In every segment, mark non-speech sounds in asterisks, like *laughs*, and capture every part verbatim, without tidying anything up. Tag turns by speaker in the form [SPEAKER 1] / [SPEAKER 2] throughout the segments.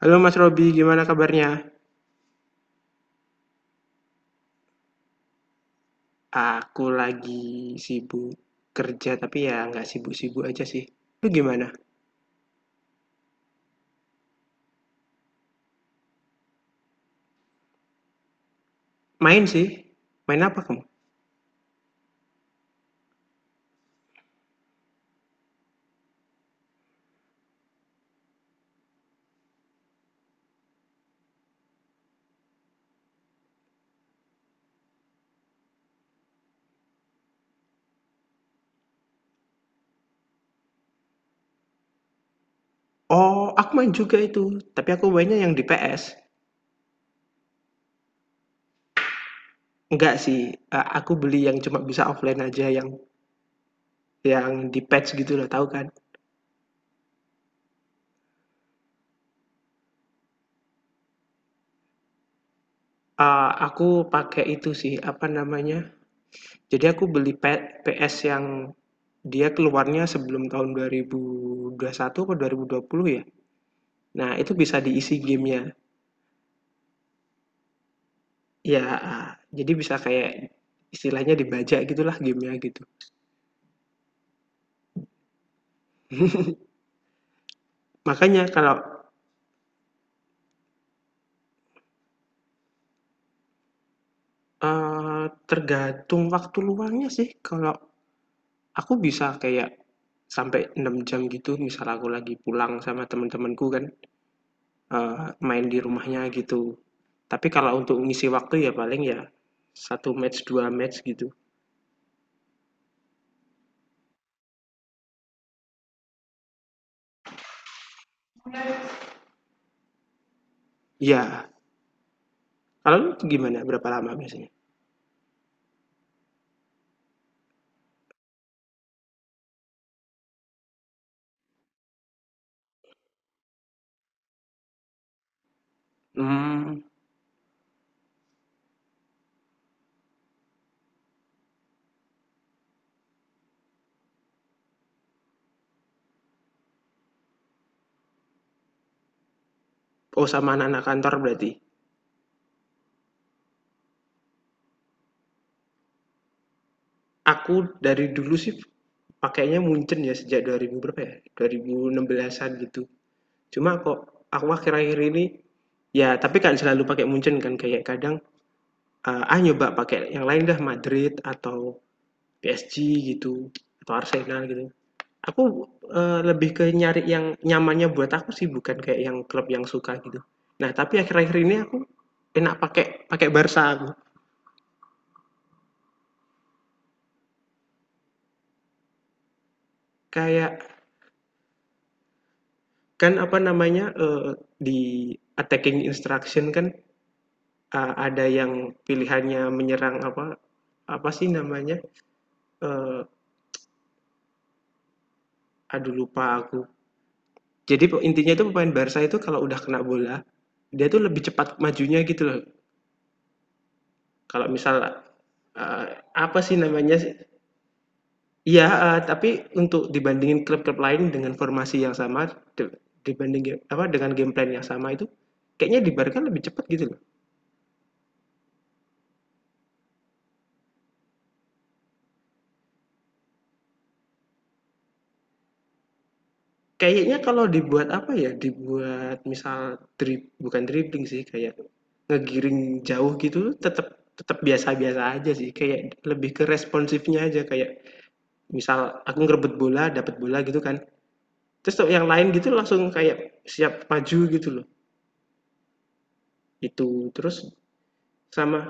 [SPEAKER 1] Halo Mas Robi, gimana kabarnya? Aku lagi sibuk kerja, tapi ya nggak sibuk-sibuk aja sih. Lu gimana? Main sih. Main apa kamu? Oh, aku main juga itu. Tapi aku mainnya yang di P S. Nggak sih, eh, aku beli yang cuma bisa offline aja, yang yang di patch gitu loh, tahu kan? Eh, aku pakai itu sih, apa namanya? Jadi aku beli P- PS yang dia keluarnya sebelum tahun dua ribu dua puluh satu atau dua ribu dua puluh ya. Nah, itu bisa diisi gamenya. Ya, ah, jadi bisa kayak istilahnya dibajak gitulah game-nya gitu. *laughs* Makanya kalau, eee, tergantung waktu luangnya sih. Kalau aku bisa kayak sampai enam jam gitu misal aku lagi pulang sama temen-temenku kan, eee, main di rumahnya gitu. Tapi kalau untuk ngisi waktu ya paling ya satu match, dua match gitu. Ya, kalau lu gimana berapa lama biasanya? Hmm. Oh, sama anak-anak kantor berarti? Aku dari dulu sih pakainya Munchen ya sejak dua ribu berapa ya? dua ribu enam belasan-an gitu. Cuma kok aku akhir-akhir ini ya tapi kan selalu pakai Munchen kan kayak kadang eh, ah nyoba pakai yang lain dah Madrid atau P S G gitu atau Arsenal gitu. Aku eh, lebih ke nyari yang nyamannya buat aku sih bukan kayak yang klub yang suka gitu. Nah, tapi akhir-akhir ini aku enak pakai pakai Barca aku. Kayak kan apa namanya eh, di attacking instruction kan. Ah, ada yang pilihannya menyerang apa apa sih namanya? Eee, Aduh lupa aku. Jadi intinya itu pemain Barca itu kalau udah kena bola, dia tuh lebih cepat majunya gitu loh. Kalau misal, eee, apa sih namanya sih? Iya, heeh, tapi untuk dibandingin klub-klub lain dengan formasi yang sama, dibanding apa, dengan game plan yang sama itu, kayaknya di Barca lebih cepat gitu. Kayaknya kalau dibuat apa ya, dibuat misal drib bukan dribbling sih, kayak ngegiring jauh gitu tetap tetap biasa-biasa aja sih, kayak lebih ke responsifnya aja, kayak misal aku ngerebut bola, dapat bola gitu kan, terus yang lain gitu langsung kayak siap maju gitu loh, itu. Terus sama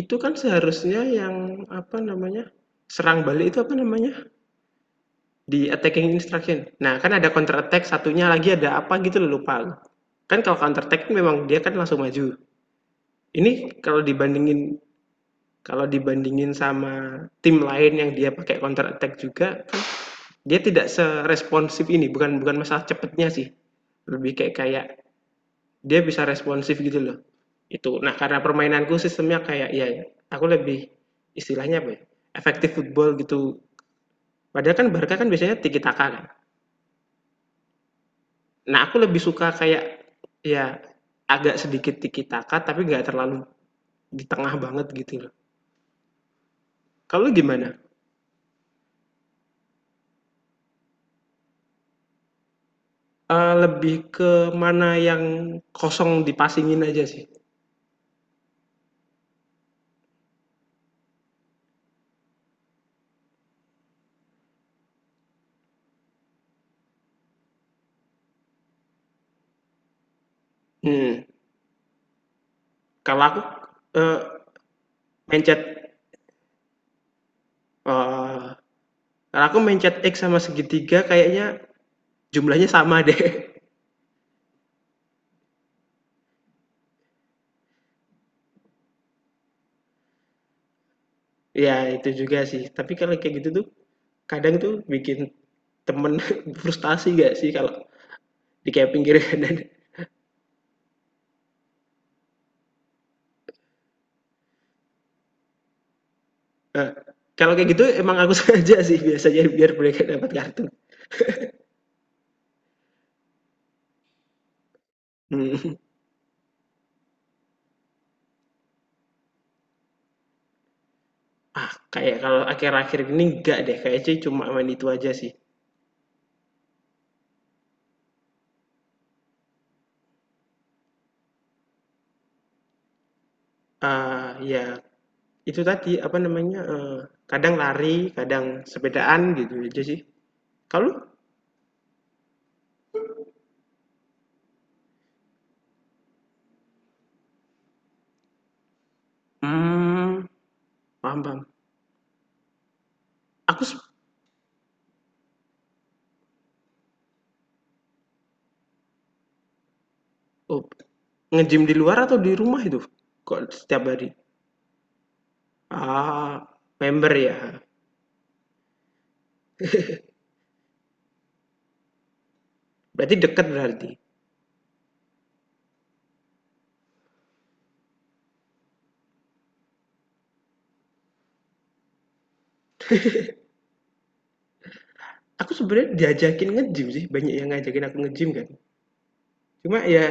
[SPEAKER 1] itu kan seharusnya yang apa namanya, serang balik itu apa namanya, di attacking instruction. Nah, kan ada counter attack, satunya lagi ada apa gitu loh, lupa. Kan kalau counter attack memang dia kan langsung maju. Ini kalau dibandingin kalau dibandingin sama tim lain yang dia pakai counter attack juga, kan dia tidak seresponsif ini, bukan bukan masalah cepetnya sih. Lebih kayak kayak dia bisa responsif gitu loh. Itu. Nah, karena permainanku sistemnya kayak ya aku lebih istilahnya apa ya? Efektif football gitu. Padahal kan Barca kan biasanya tiki taka kan. Nah, aku lebih suka kayak ya agak sedikit tiki taka tapi nggak terlalu di tengah banget gitu loh. Kalau gimana? Eee, lebih ke mana yang kosong dipasingin aja sih. Mhm. kalau aku, eee, mencet eee, Kalau aku mencet X sama segitiga kayaknya jumlahnya sama deh. *laughs* Ya itu juga sih, tapi kalau kayak gitu tuh kadang tuh bikin temen *laughs* frustasi nggak sih kalau di kayak pinggir kanan? Heeh, kalau kayak gitu emang aku *laughs* sengaja sih biasanya biar mereka dapat kartu. Mhm. Ah, kayak kalau akhir-akhir ini enggak deh, kayaknya cuma main itu aja sih. Ah ya. Itu tadi, apa namanya, eee, kadang lari, kadang sepedaan, gitu aja sih. Kalau lu? Mmm. Paham paham. Aku sep Oh, nge-gym di luar atau di rumah itu? Kok setiap hari? Ah, member ya, berarti deket berarti. Aku sebenarnya diajakin nge-gym sih, banyak yang ngajakin aku nge-gym kan. Cuma ya,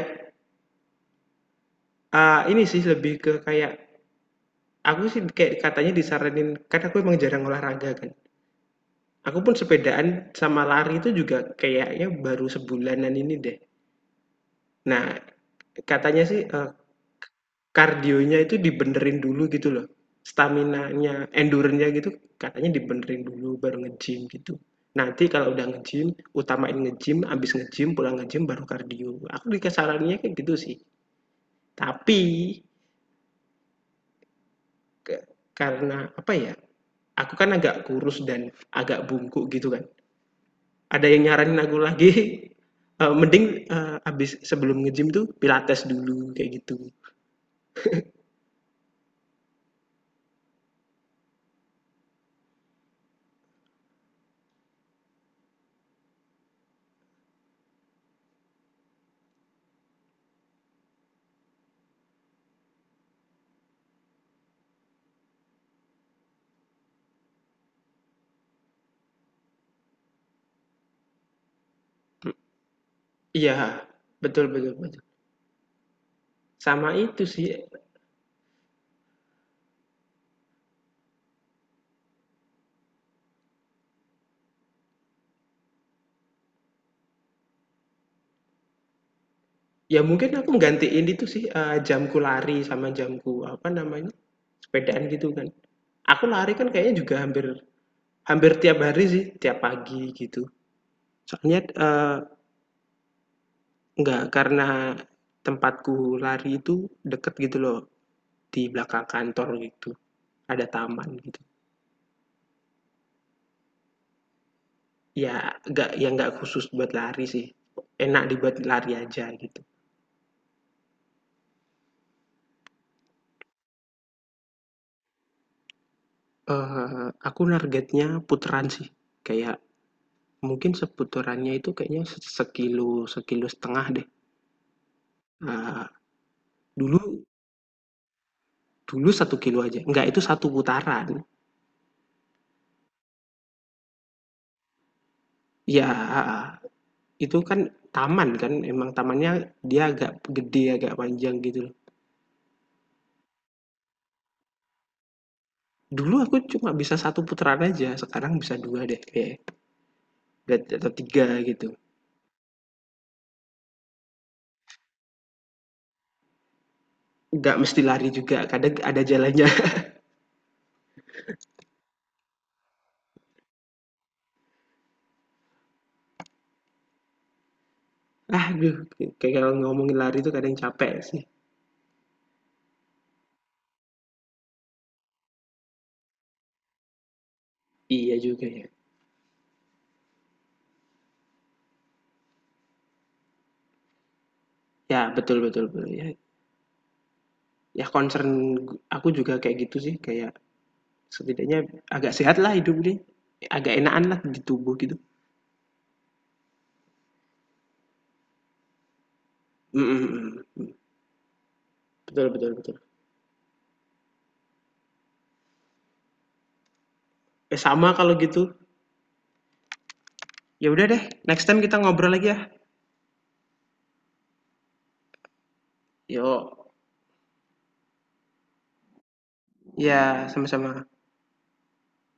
[SPEAKER 1] eee, ini sih lebih ke kayak aku sih kayak katanya disaranin kan aku emang jarang olahraga kan. Aku pun sepedaan sama lari itu juga kayaknya baru sebulanan ini deh. Nah, katanya sih, eee, kardionya itu dibenerin dulu gitu loh, staminanya, endure-nya gitu katanya dibenerin dulu baru nge-gym gitu. Nanti kalau udah nge-gym, utamain nge-gym, habis nge-gym, pulang nge-gym, baru kardio. Aku dikasarannya kayak gitu sih. Tapi ke karena apa ya, aku kan agak kurus dan agak bungkuk gitu kan. Ada yang nyaranin aku lagi, *laughs* eee, mending, eee, habis sebelum nge-gym tuh pilates dulu kayak gitu. Iya, betul betul betul. Sama itu sih, ya mungkin aku nggantiin itu sih, eee, jamku lari sama jamku, apa namanya, sepedaan gitu kan. Aku lari kan kayaknya juga hampir hampir tiap hari sih, tiap pagi gitu. Soalnya, eee, nggak karena tempatku lari itu deket gitu loh, di belakang kantor gitu, ada taman gitu. Ya nggak ya nggak khusus buat lari sih, enak dibuat lari aja gitu. Eee, aku targetnya putaran sih, kayak mungkin seputarannya itu kayaknya sekilo, sekilo setengah deh, eee, dulu dulu satu kilo aja, enggak itu satu putaran. Ya, itu kan taman kan, emang tamannya dia agak gede, agak panjang gitu loh. Dulu aku cuma bisa satu putaran aja, sekarang bisa dua deh kayaknya, atau tiga gitu. Nggak mesti lari juga, kadang ada jalannya. *laughs* Aduh, kayak kalau ngomongin lari itu kadang capek sih. Iya juga ya. Ya, betul betul betul, ya ya concern aku juga kayak gitu sih, kayak setidaknya agak sehat lah hidup deh, agak enakanlah di tubuh gitu. Mhm mhm mhm. Betul betul betul. Eh, sama kalau gitu. Ya udah deh, next time kita ngobrol lagi ya. Yok. Ya, sama-sama.